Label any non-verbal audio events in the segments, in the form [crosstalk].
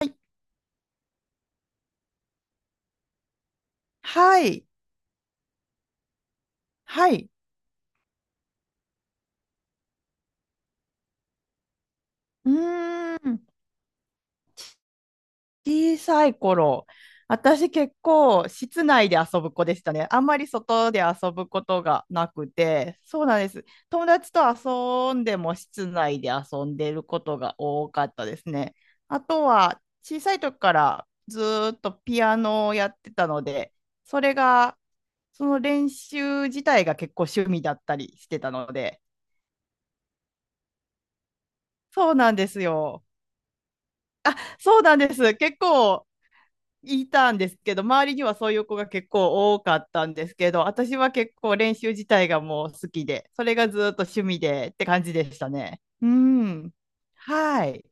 いはい。はい。うーん。小さい頃。私結構室内で遊ぶ子でしたね。あんまり外で遊ぶことがなくて。そうなんです。友達と遊んでも室内で遊んでることが多かったですね。あとは小さい時からずーっとピアノをやってたので、それが、その練習自体が結構趣味だったりしてたので。そうなんですよ。そうなんです。結構いたんですけど、周りにはそういう子が結構多かったんですけど、私は結構練習自体がもう好きで、それがずっと趣味でって感じでしたね。うん。はい。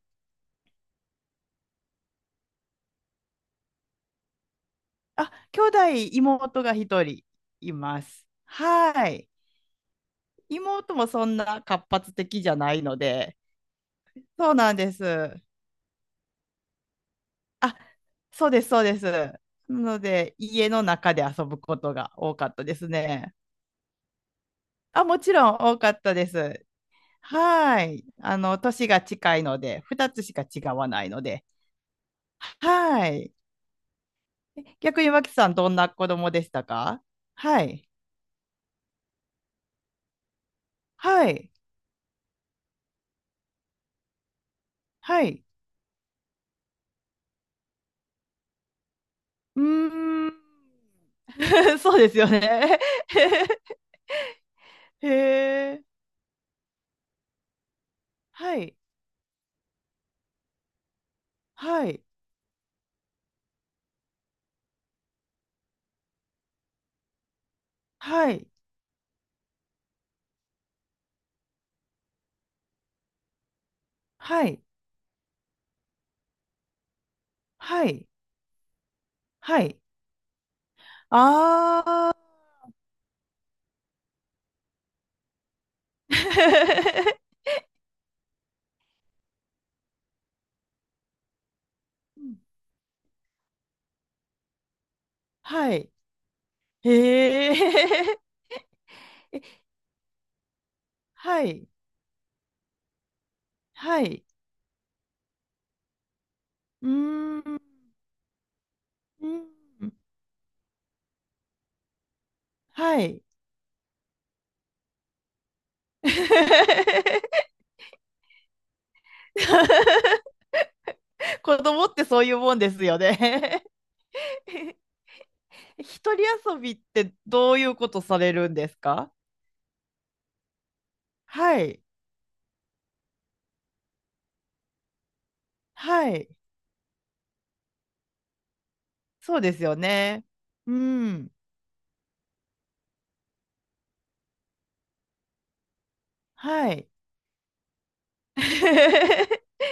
あ、兄弟、妹が一人います。はい。妹もそんな活発的じゃないので、そうなんです。あ、そうです、そうです。なので、家の中で遊ぶことが多かったですね。あ、もちろん多かったです。はい。あの、年が近いので、二つしか違わないので。はい。逆に脇さん、どんな子供でしたか？はい。はい。はい。うーん。[laughs] そうですよね。[laughs] へえ。はい。はい。はい。はい。はい。はい。ああ、[laughs] うん、はい。へえ。[laughs] はい。はい。うーん。うん、はい。[laughs] 子供ってそういうもんですよね？ [laughs] 一人遊びってどういうことされるんですか？はい。はい。そうですよね。うん。はい。[laughs]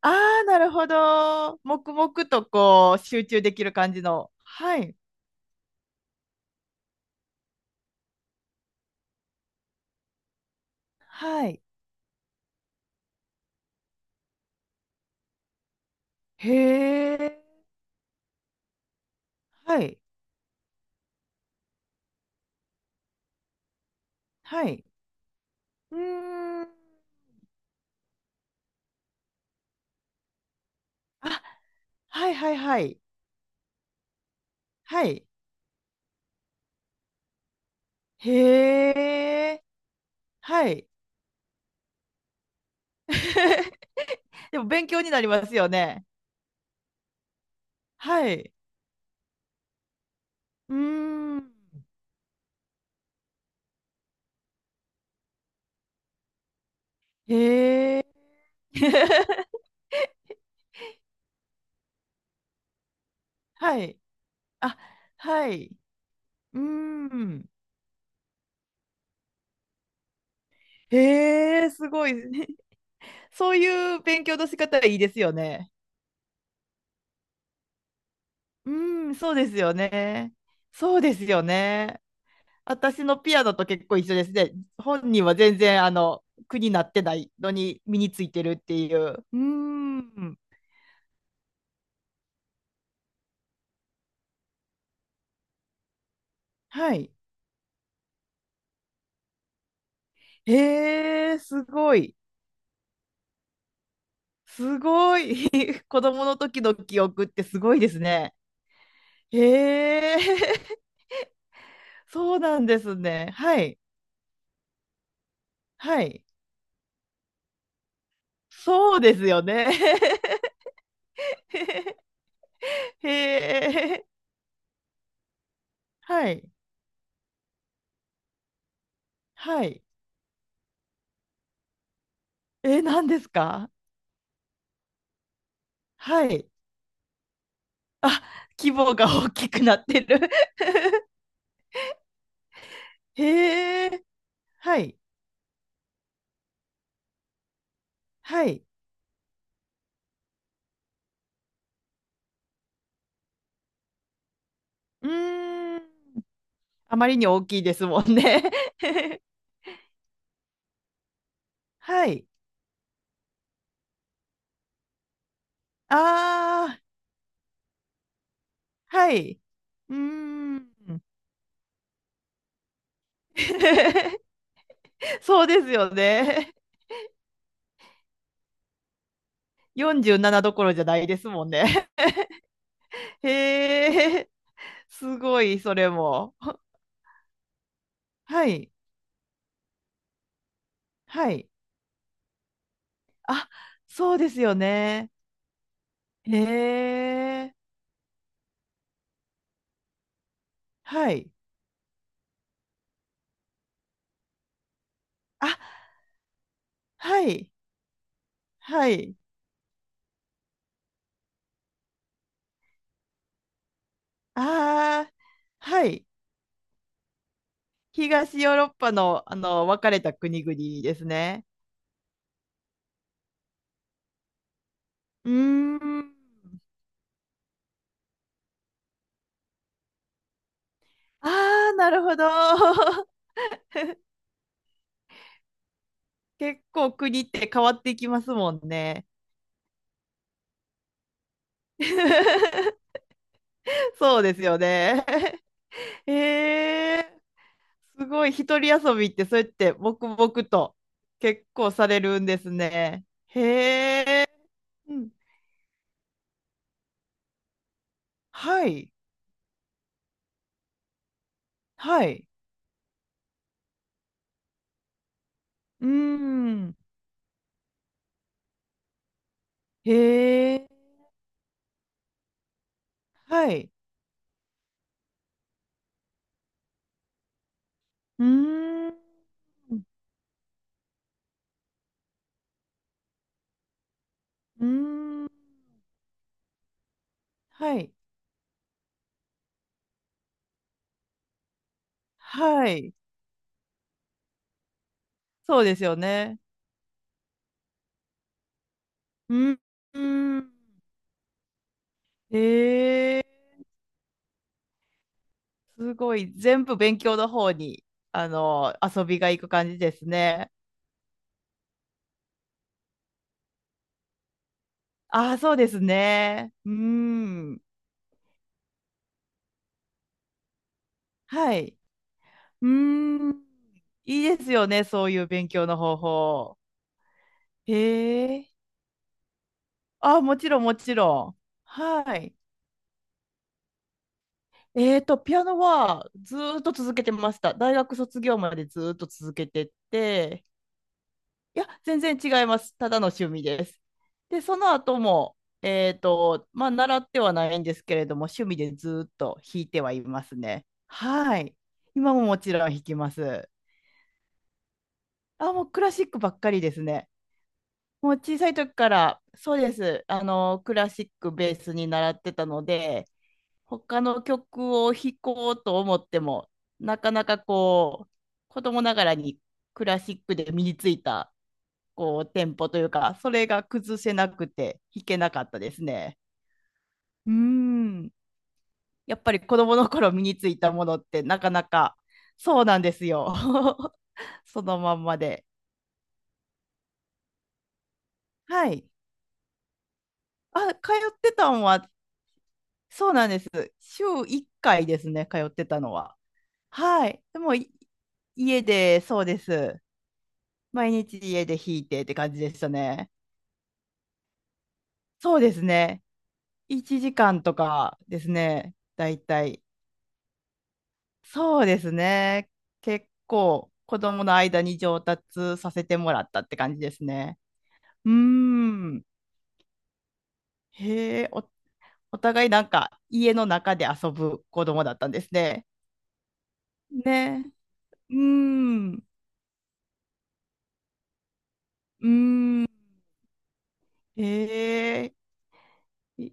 ああ、なるほど。黙々とこう、集中できる感じの。はい。はい。へえ。はい。はい。うーん。あ、はいはいはい。はい。へえ。はい。[laughs] でも勉強になりますよね。はい。うーん。へえ。[laughs] はい。あ、はい。うーん。へえ、すごい。[laughs] そういう勉強の仕方いいですよね。うーん、そうですよね。そうですよね。私のピアノと結構一緒ですね。本人は全然、あの、苦になってないのに身についてるっていう。うーん。はい。へえ、すごい。すごい。[laughs] 子供の時の記憶ってすごいですね。へえ、[laughs] そうなんですね。はい。はい。そうですよね。[laughs] へえ、はい。はい。え、何ですか？はい。あ、規模が大きくなってる。[laughs] へえ、はい。はい。うーん。あまりに大きいですもんね。[laughs] はい。ああ、はい。うーん。[laughs] そうですよね。[laughs] 47どころじゃないですもんね。[laughs] へえ、すごい、それも。はい、はい。あ、そうですよね。へえ、はい。あ、はい、はい。ああ、はい。東ヨーロッパの、あの、分かれた国々ですね。うーん。ああ、なるほど。[laughs] 結構国って変わっていきますもんね。[laughs] そうですよね。へえ、すごい。一人遊びって、そうやって黙々と結構されるんですね。へえ、うん。はい。はい。うーん。へえ、はい。うーん。うーん。はい。はい。そうですよね。うん。うん、へえ、すごい。全部勉強の方に、あの、遊びが行く感じですね。ああ、そうですね。うーん。はい。うーん。いいですよね、そういう勉強の方法。へえ。あ、もちろん、もちろん。はい。ピアノはずーっと続けてました。大学卒業までずーっと続けてて、いや、全然違います。ただの趣味です。で、その後も、まあ、習ってはないんですけれども、趣味でずーっと弾いてはいますね。はい。今ももちろん弾きます。あ、もうクラシックばっかりですね。もう小さい時から、そうです。あの、クラシックベースに習ってたので、他の曲を弾こうと思っても、なかなかこう、子供ながらにクラシックで身についた、こう、テンポというか、それが崩せなくて弾けなかったですね。うーん。やっぱり子供の頃身についたものってなかなか、そうなんですよ。[laughs] そのまんまで。はい。あ、通ってたんはそうなんです。週1回ですね、通ってたのは。はい。でも、家で、そうです。毎日家で弾いてって感じでしたね。そうですね。1時間とかですね、だいたい。そうですね。結構、子供の間に上達させてもらったって感じですね。うーん。へえ、お互いなんか、家の中で遊ぶ子供だったんですね。ね。うーん。うーん。ええい